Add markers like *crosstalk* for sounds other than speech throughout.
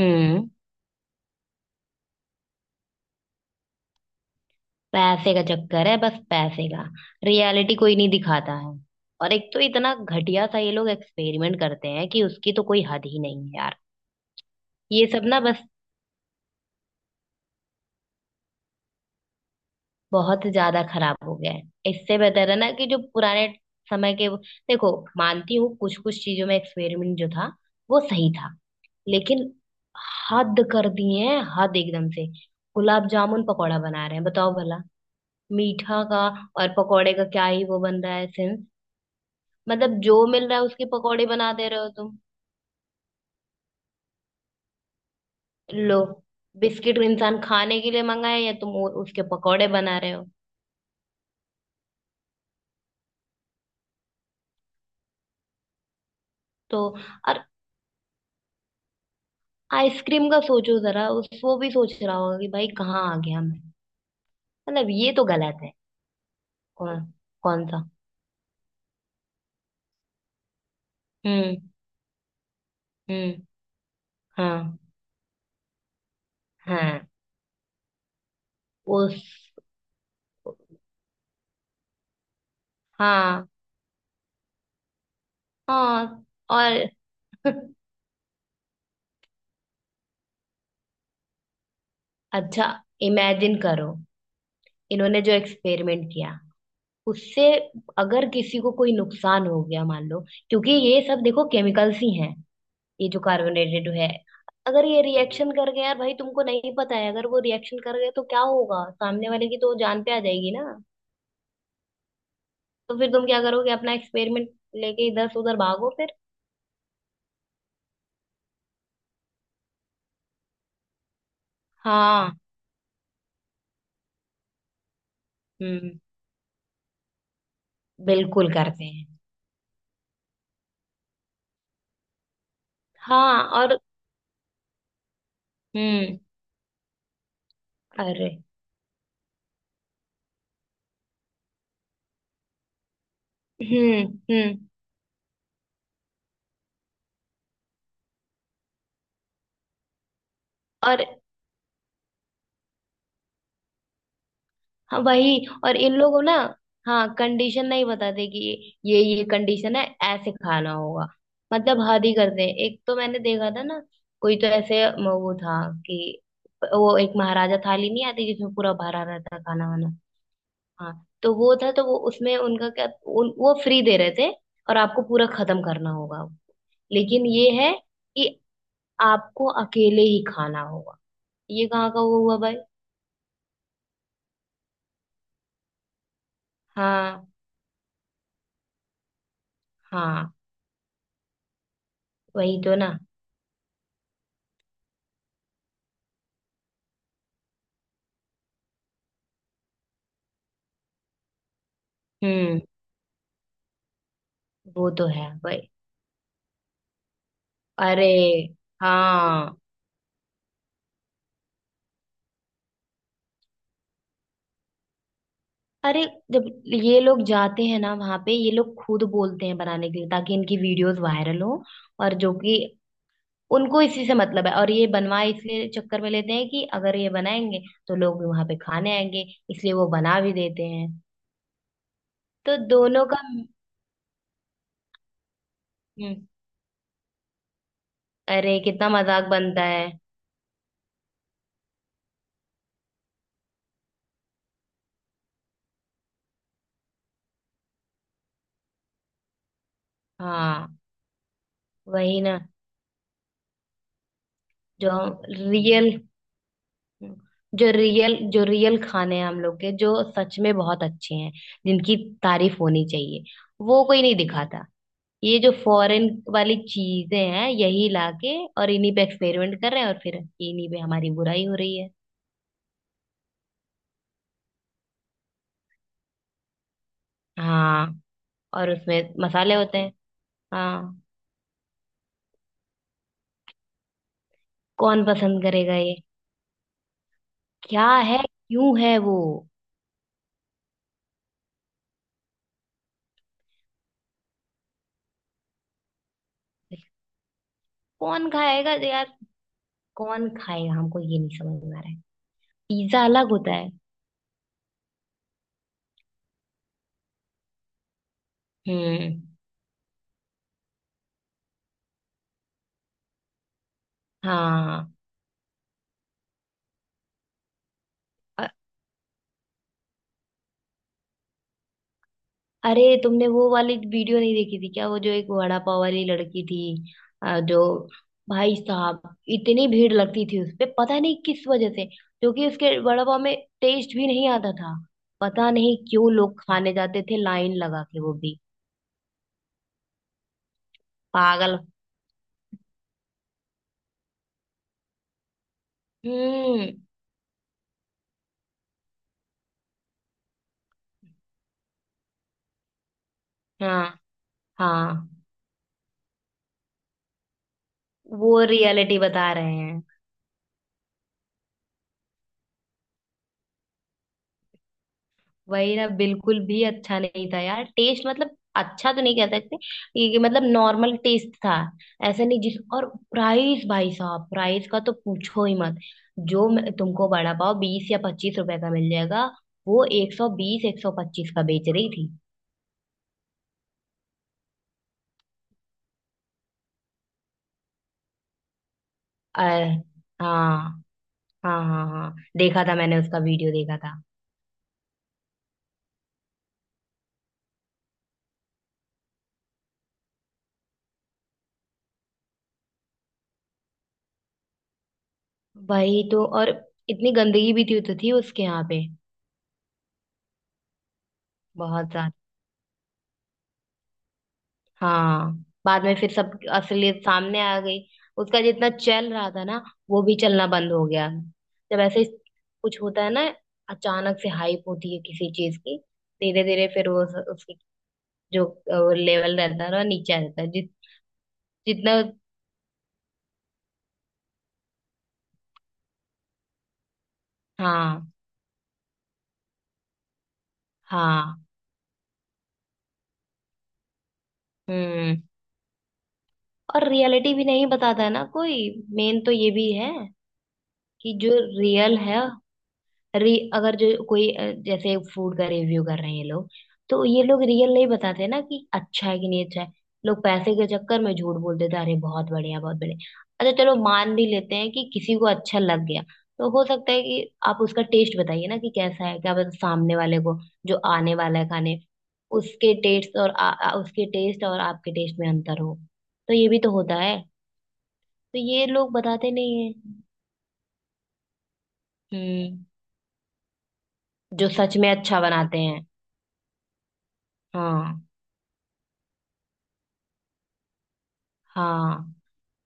हम्म। पैसे का चक्कर है बस पैसे का। रियलिटी कोई नहीं दिखाता है। और एक तो इतना घटिया सा ये लोग एक्सपेरिमेंट करते हैं कि उसकी तो कोई हद ही नहीं है यार। ये सब ना बस बहुत ज्यादा खराब हो गया है। इससे बेहतर है ना कि जो पुराने समय के देखो। मानती हूँ कुछ कुछ चीजों में एक्सपेरिमेंट जो था वो सही था। लेकिन हद कर दिए हैं हद एकदम से। गुलाब जामुन पकौड़ा बना रहे हैं बताओ भला। मीठा का और पकौड़े का क्या ही वो बन रहा है सेंस। मतलब जो मिल रहा है उसकी पकौड़ी बना दे रहे हो तुम। लो बिस्किट इंसान खाने के लिए मंगाए या तुम उसके पकौड़े बना रहे हो। तो और आइसक्रीम का सोचो जरा उस वो भी सोच रहा होगा कि भाई कहाँ आ गया मैं। मतलब ये तो गलत है। कौन। कौन सा। हम्म। हम्म। हाँ। हाँ उस हाँ हाँ और *laughs* अच्छा। इमेजिन करो। इन्होंने जो एक्सपेरिमेंट किया उससे अगर किसी को कोई नुकसान हो गया मान लो। क्योंकि ये सब देखो केमिकल्स ही हैं। ये जो कार्बोनेटेड है अगर ये रिएक्शन कर गया यार भाई तुमको नहीं पता है अगर वो रिएक्शन कर गए तो क्या होगा सामने वाले की तो जान पे आ जाएगी ना। तो फिर तुम क्या करोगे अपना एक्सपेरिमेंट लेके इधर से उधर भागो फिर। हाँ। हम्म। बिल्कुल करते हैं। हाँ और। हम्म। अरे। हम्म। हम्म। और हाँ वही और इन लोगों ना। हाँ कंडीशन नहीं बताते कि ये कंडीशन है ऐसे खाना होगा। मतलब हद ही करते हैं एक तो मैंने देखा था ना। कोई तो ऐसे वो था कि वो एक महाराजा थाली नहीं आती जिसमें पूरा भरा रहता है खाना वाना। हाँ तो वो था तो वो उसमें उनका क्या वो फ्री दे रहे थे और आपको पूरा खत्म करना होगा। लेकिन ये है कि आपको अकेले ही खाना होगा। ये कहाँ का वो हुआ भाई। हाँ। हाँ वही तो ना। हम्म। वो तो है भाई। अरे। हाँ। अरे जब ये लोग जाते हैं ना वहां पे ये लोग खुद बोलते हैं बनाने के लिए ताकि इनकी वीडियोस वायरल हो। और जो कि उनको इसी से मतलब है और ये बनवाए इसलिए चक्कर में लेते हैं कि अगर ये बनाएंगे तो लोग भी वहां पे खाने आएंगे। इसलिए वो बना भी देते हैं। तो दोनों का। हम्म। अरे कितना मजाक बनता है। हाँ वही ना। जो रियल। हम्म। जो रियल खाने हैं हम लोग के जो सच में बहुत अच्छे हैं जिनकी तारीफ होनी चाहिए वो कोई नहीं दिखाता। ये जो फॉरेन वाली चीजें हैं यही लाके और इन्हीं पे एक्सपेरिमेंट कर रहे हैं और फिर इन्हीं पे हमारी बुराई हो रही है। हाँ। और उसमें मसाले होते हैं। हाँ। कौन पसंद करेगा ये। क्या है। क्यों है वो। कौन खाएगा यार। कौन खाएगा हमको ये नहीं समझ में आ रहा है। पिज्जा अलग होता है। हम्म। हाँ। अरे तुमने वो वाली वीडियो नहीं देखी थी क्या वो जो एक वड़ा पाव वाली लड़की थी। जो भाई साहब इतनी भीड़ लगती थी उस पे पता नहीं किस वजह से क्योंकि उसके वड़ा पाव में टेस्ट भी नहीं आता था। पता नहीं क्यों लोग खाने जाते थे लाइन लगा के वो भी पागल। हम्म। हाँ। हाँ। वो रियलिटी बता रहे हैं। वही ना बिल्कुल भी अच्छा नहीं था यार टेस्ट मतलब अच्छा तो नहीं कह सकते। ये मतलब नॉर्मल टेस्ट था ऐसा नहीं जिस और प्राइस भाई साहब प्राइस का तो पूछो ही मत। तुमको बड़ा पाव 20 या 25 रुपए का मिल जाएगा। वो 120 125 का बेच रही थी। अरे। हाँ। हाँ हाँ हाँ देखा था मैंने उसका वीडियो देखा था। वही तो और इतनी गंदगी भी थी तो थी उसके यहाँ पे बहुत। हाँ। बाद में फिर सब असलियत सामने आ गई। उसका जितना चल रहा था ना वो भी चलना बंद हो गया। जब ऐसे कुछ होता है ना अचानक से हाइप होती है किसी चीज की धीरे धीरे फिर वो उसकी जो लेवल रहता है ना नीचे आ जाता है जितना। हाँ। हाँ। हम्म। और रियलिटी भी नहीं बताता है ना कोई। मेन तो ये भी है कि जो रियल है री अगर जो कोई जैसे फूड का रिव्यू कर रहे हैं ये लोग तो ये लोग रियल नहीं बताते ना कि अच्छा है कि नहीं अच्छा है। लोग पैसे के चक्कर में झूठ बोल देते हैं, अरे बहुत बढ़िया बहुत बढ़िया। अच्छा चलो मान भी लेते हैं कि किसी को अच्छा लग गया तो हो सकता है कि आप उसका टेस्ट बताइए ना कि कैसा है क्या पता सामने वाले को जो आने वाला है खाने उसके टेस्ट और आ, आ, उसके टेस्ट और आपके टेस्ट में अंतर हो। तो ये भी तो होता है। तो ये लोग बताते नहीं है। हम्म। जो सच में अच्छा बनाते हैं। हाँ। हाँ।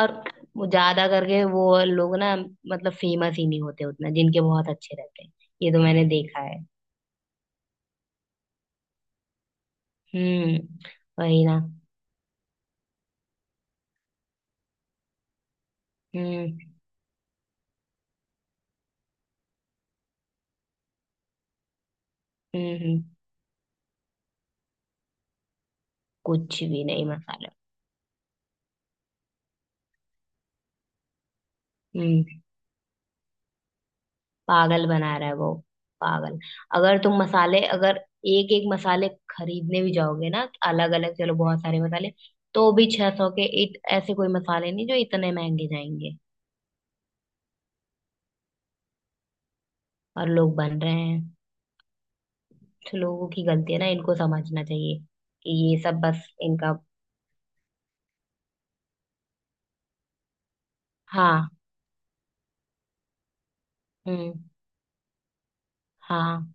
और वो ज्यादा करके वो लोग ना मतलब फेमस ही नहीं होते उतना जिनके बहुत अच्छे रहते हैं। ये तो मैंने देखा है। हम्म। वही ना। हम्म। हम्म। कुछ भी नहीं मसाला। हम्म। पागल बना रहा है वो। पागल। अगर तुम मसाले अगर एक एक मसाले खरीदने भी जाओगे ना अलग अलग चलो बहुत सारे मसाले तो भी 600 के ऐसे कोई मसाले नहीं जो इतने महंगे जाएंगे। और लोग बन रहे हैं। तो लोगों की गलती है ना इनको समझना चाहिए कि ये सब बस इनका। हाँ। हम्म। हाँ।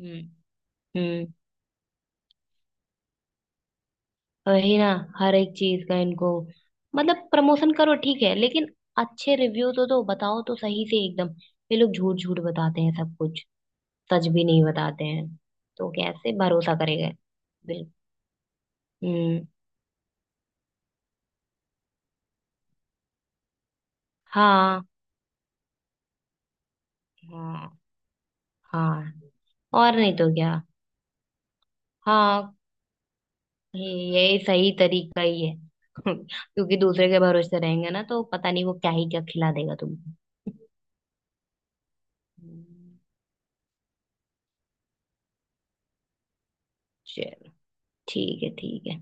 हम्म। हम्म। वही ना। हर एक चीज का इनको मतलब प्रमोशन करो ठीक है लेकिन अच्छे रिव्यू तो दो बताओ तो सही से एकदम। ये लोग झूठ झूठ बताते हैं सब कुछ। सच भी नहीं बताते हैं। तो कैसे भरोसा करेगा। बिल। हम्म। हाँ। हाँ। हाँ और नहीं तो क्या। हाँ ये ये सही तरीका ही है *laughs* क्योंकि दूसरे के भरोसे रहेंगे ना तो पता नहीं वो क्या ही क्या खिला देगा तुमको *laughs* हम्म। चलो ठीक है ठीक है।